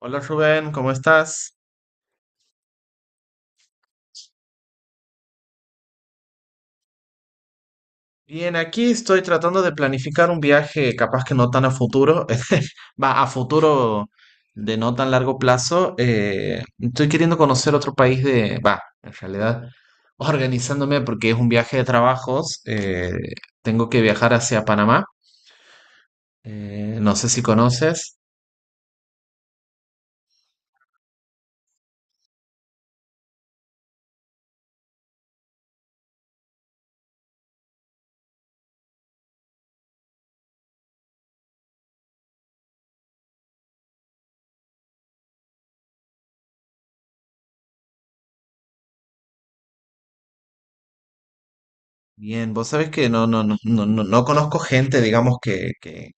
Hola Rubén, ¿cómo estás? Bien, aquí estoy tratando de planificar un viaje, capaz que no tan a futuro, va a futuro de no tan largo plazo. Estoy queriendo conocer otro país de, va, en realidad, organizándome porque es un viaje de trabajos. Tengo que viajar hacia Panamá. No sé si conoces. Bien, vos sabés que no conozco gente, digamos,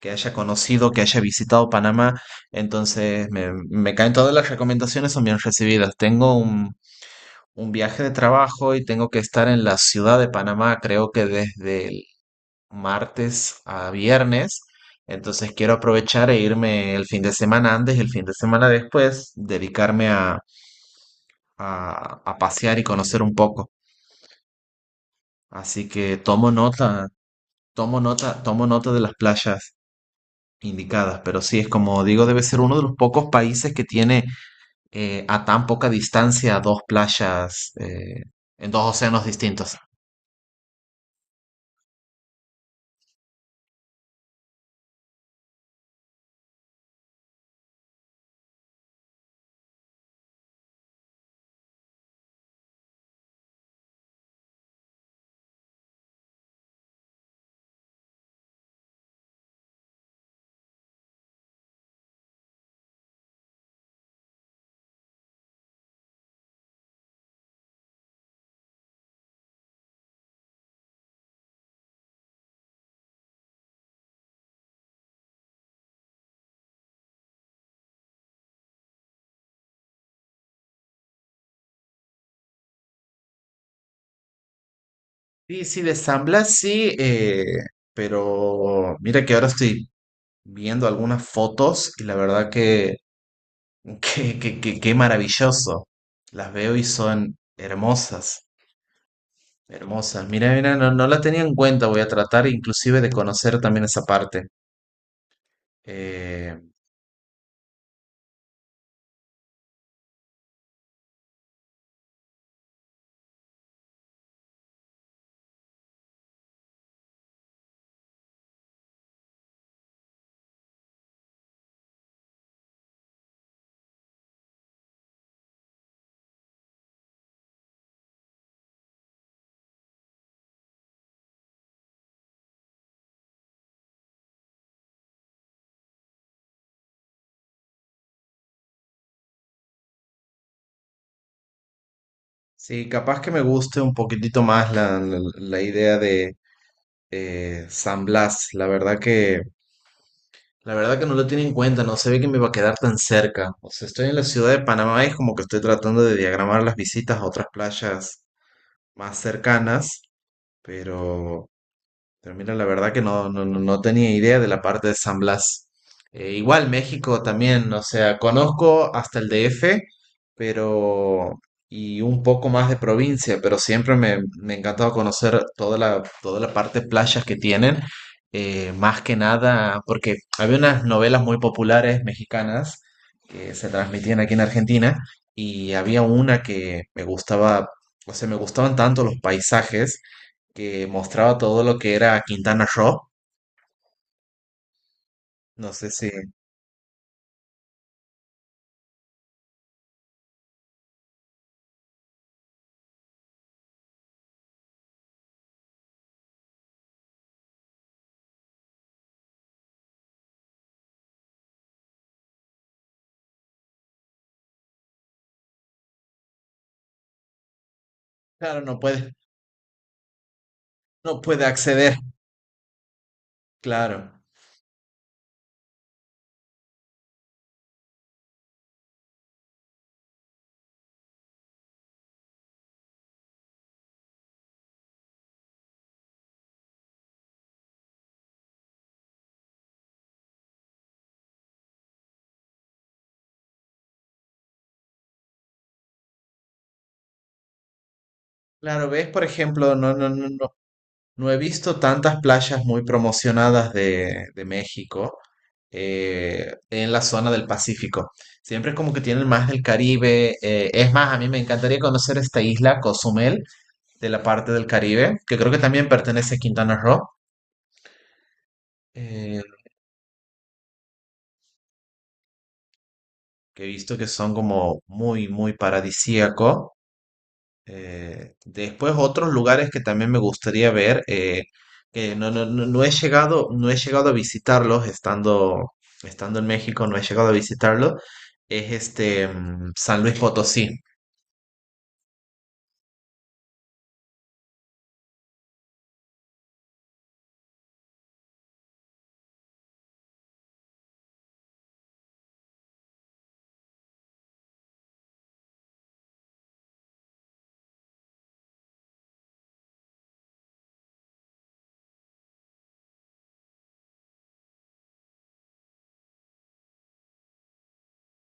que haya conocido, que haya visitado Panamá. Entonces, me caen todas las recomendaciones, son bien recibidas. Un viaje de trabajo y tengo que estar en la ciudad de Panamá, creo que desde el martes a viernes. Entonces, quiero aprovechar e irme el fin de semana antes y el fin de semana después, dedicarme a pasear y conocer un poco. Así que tomo nota de las playas indicadas, pero sí es como digo, debe ser uno de los pocos países que tiene a tan poca distancia dos playas en dos océanos distintos. Sí, sí, de San Blas sí, pero mira que ahora estoy viendo algunas fotos y la verdad que, que maravilloso. Las veo y son hermosas, hermosas. Mira, mira, no la tenía en cuenta, voy a tratar inclusive de conocer también esa parte. Eh, Sí, capaz que me guste un poquitito más la idea de San Blas. La verdad que no lo tiene en cuenta, no se ve que me va a quedar tan cerca. O sea, estoy en la ciudad de Panamá y es como que estoy tratando de diagramar las visitas a otras playas más cercanas, pero pero mira, la verdad que no tenía idea de la parte de San Blas. Igual México también, o sea, conozco hasta el DF, pero y un poco más de provincia, pero siempre me ha encantado conocer toda toda la parte de playas que tienen, más que nada, porque había unas novelas muy populares mexicanas que se transmitían aquí en Argentina, y había una que me gustaba, o sea, me gustaban tanto los paisajes que mostraba todo lo que era Quintana Roo. No sé si, claro, no puede acceder. Claro, claro, ves, por ejemplo, no he visto tantas playas muy promocionadas de México en la zona del Pacífico. Siempre es como que tienen más del Caribe. Es más, a mí me encantaría conocer esta isla, Cozumel, de la parte del Caribe, que creo que también pertenece a Quintana Roo, eh, que he visto que son como muy, muy paradisíaco. Después otros lugares que también me gustaría ver, que no he llegado, estando en México, no he llegado a visitarlos, es este San Luis Potosí.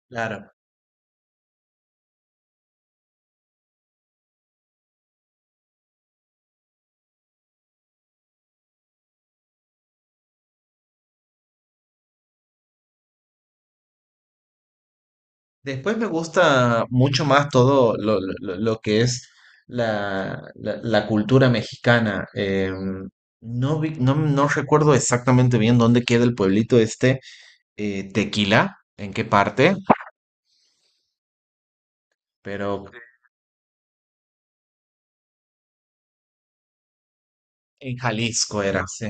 Claro. Después me gusta mucho más todo lo que es la cultura mexicana. No recuerdo exactamente bien dónde queda el pueblito este, Tequila, ¿en qué parte? Pero en Jalisco era, sí.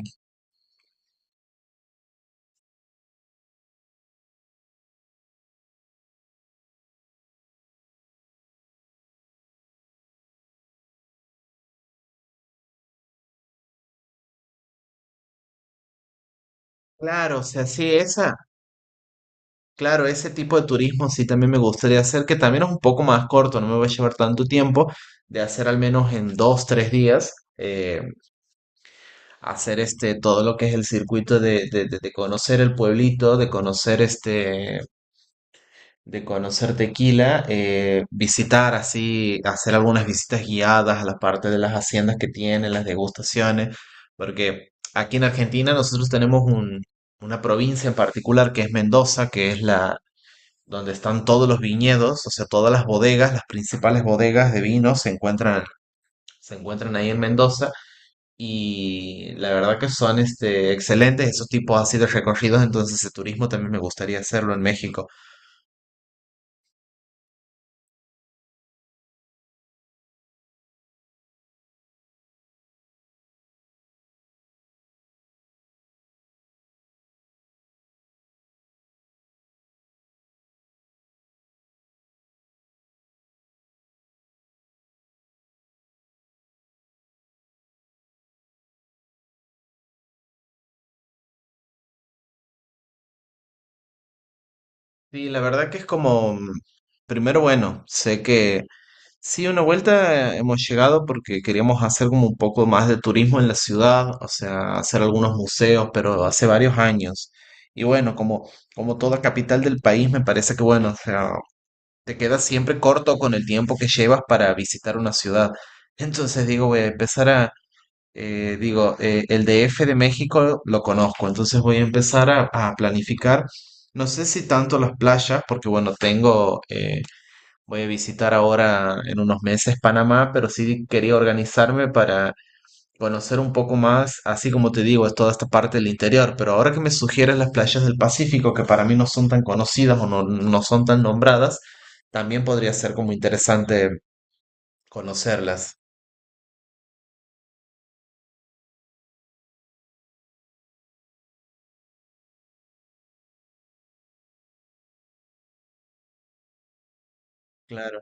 Claro, o sea, sí, esa, claro, ese tipo de turismo sí también me gustaría hacer, que también es un poco más corto, no me va a llevar tanto tiempo, de hacer al menos en dos, tres días, hacer este, todo lo que es el circuito de conocer el pueblito, de conocer este, de conocer Tequila, visitar así, hacer algunas visitas guiadas a la parte de las haciendas que tienen, las degustaciones, porque aquí en Argentina nosotros tenemos una provincia en particular que es Mendoza, que es la donde están todos los viñedos, o sea, todas las bodegas, las principales bodegas de vino se encuentran ahí en Mendoza y la verdad que son este, excelentes esos tipos así de recorridos, entonces el turismo también me gustaría hacerlo en México. Sí, la verdad que es como, primero bueno, sé que sí, una vuelta hemos llegado porque queríamos hacer como un poco más de turismo en la ciudad, o sea, hacer algunos museos, pero hace varios años. Y bueno, como, como toda capital del país, me parece que bueno, o sea, te quedas siempre corto con el tiempo que llevas para visitar una ciudad. Entonces digo, voy a empezar a, digo, el DF de México lo conozco, entonces voy a empezar a planificar. No sé si tanto las playas, porque bueno, tengo, voy a visitar ahora en unos meses Panamá, pero sí quería organizarme para conocer un poco más, así como te digo, es toda esta parte del interior, pero ahora que me sugieres las playas del Pacífico, que para mí no son tan conocidas o no son tan nombradas, también podría ser como interesante conocerlas. Claro.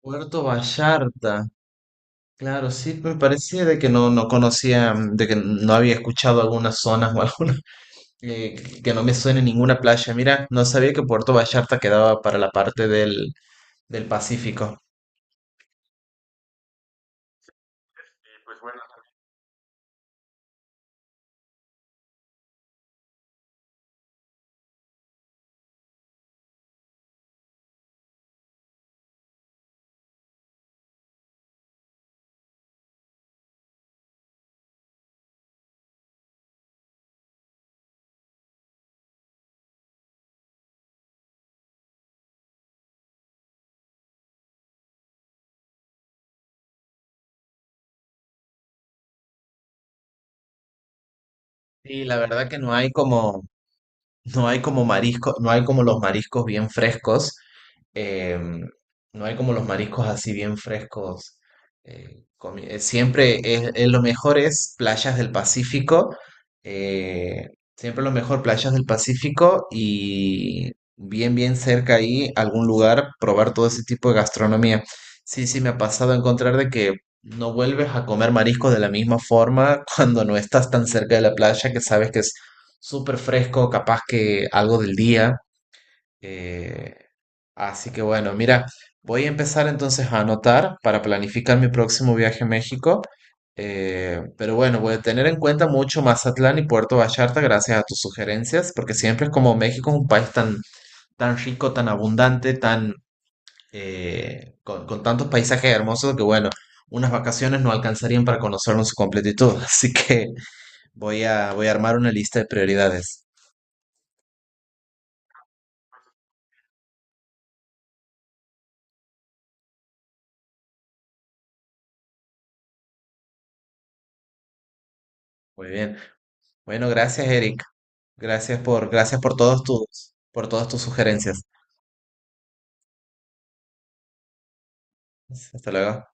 Puerto Vallarta. Claro, sí, pues, me parecía de que no conocía, de que no había escuchado algunas zonas o algunas que no me suene ninguna playa. Mira, no sabía que Puerto Vallarta quedaba para la parte del, del Pacífico. Y la verdad que no hay como marisco, no hay como los mariscos bien frescos, em, no hay como los mariscos así bien frescos. Siempre es lo mejor es playas del Pacífico, eh, siempre lo mejor playas del Pacífico y bien bien cerca ahí algún lugar probar todo ese tipo de gastronomía. Sí, sí, me ha pasado a encontrar de que no vuelves a comer mariscos de la misma forma cuando no estás tan cerca de la playa que sabes que súper fresco, capaz que algo del día. eh, Así que bueno, mira, voy a empezar entonces a anotar para planificar mi próximo viaje a México. Pero bueno, voy a tener en cuenta mucho Mazatlán y Puerto Vallarta gracias a tus sugerencias, porque siempre es como México es un país tan, tan rico, tan abundante, tan, con tantos paisajes hermosos que bueno, unas vacaciones no alcanzarían para conocerlo en su completitud. Así que voy a armar una lista de prioridades. Muy bien. Bueno, gracias, Eric. Gracias por todos tus, por todas tus sugerencias. Hasta luego.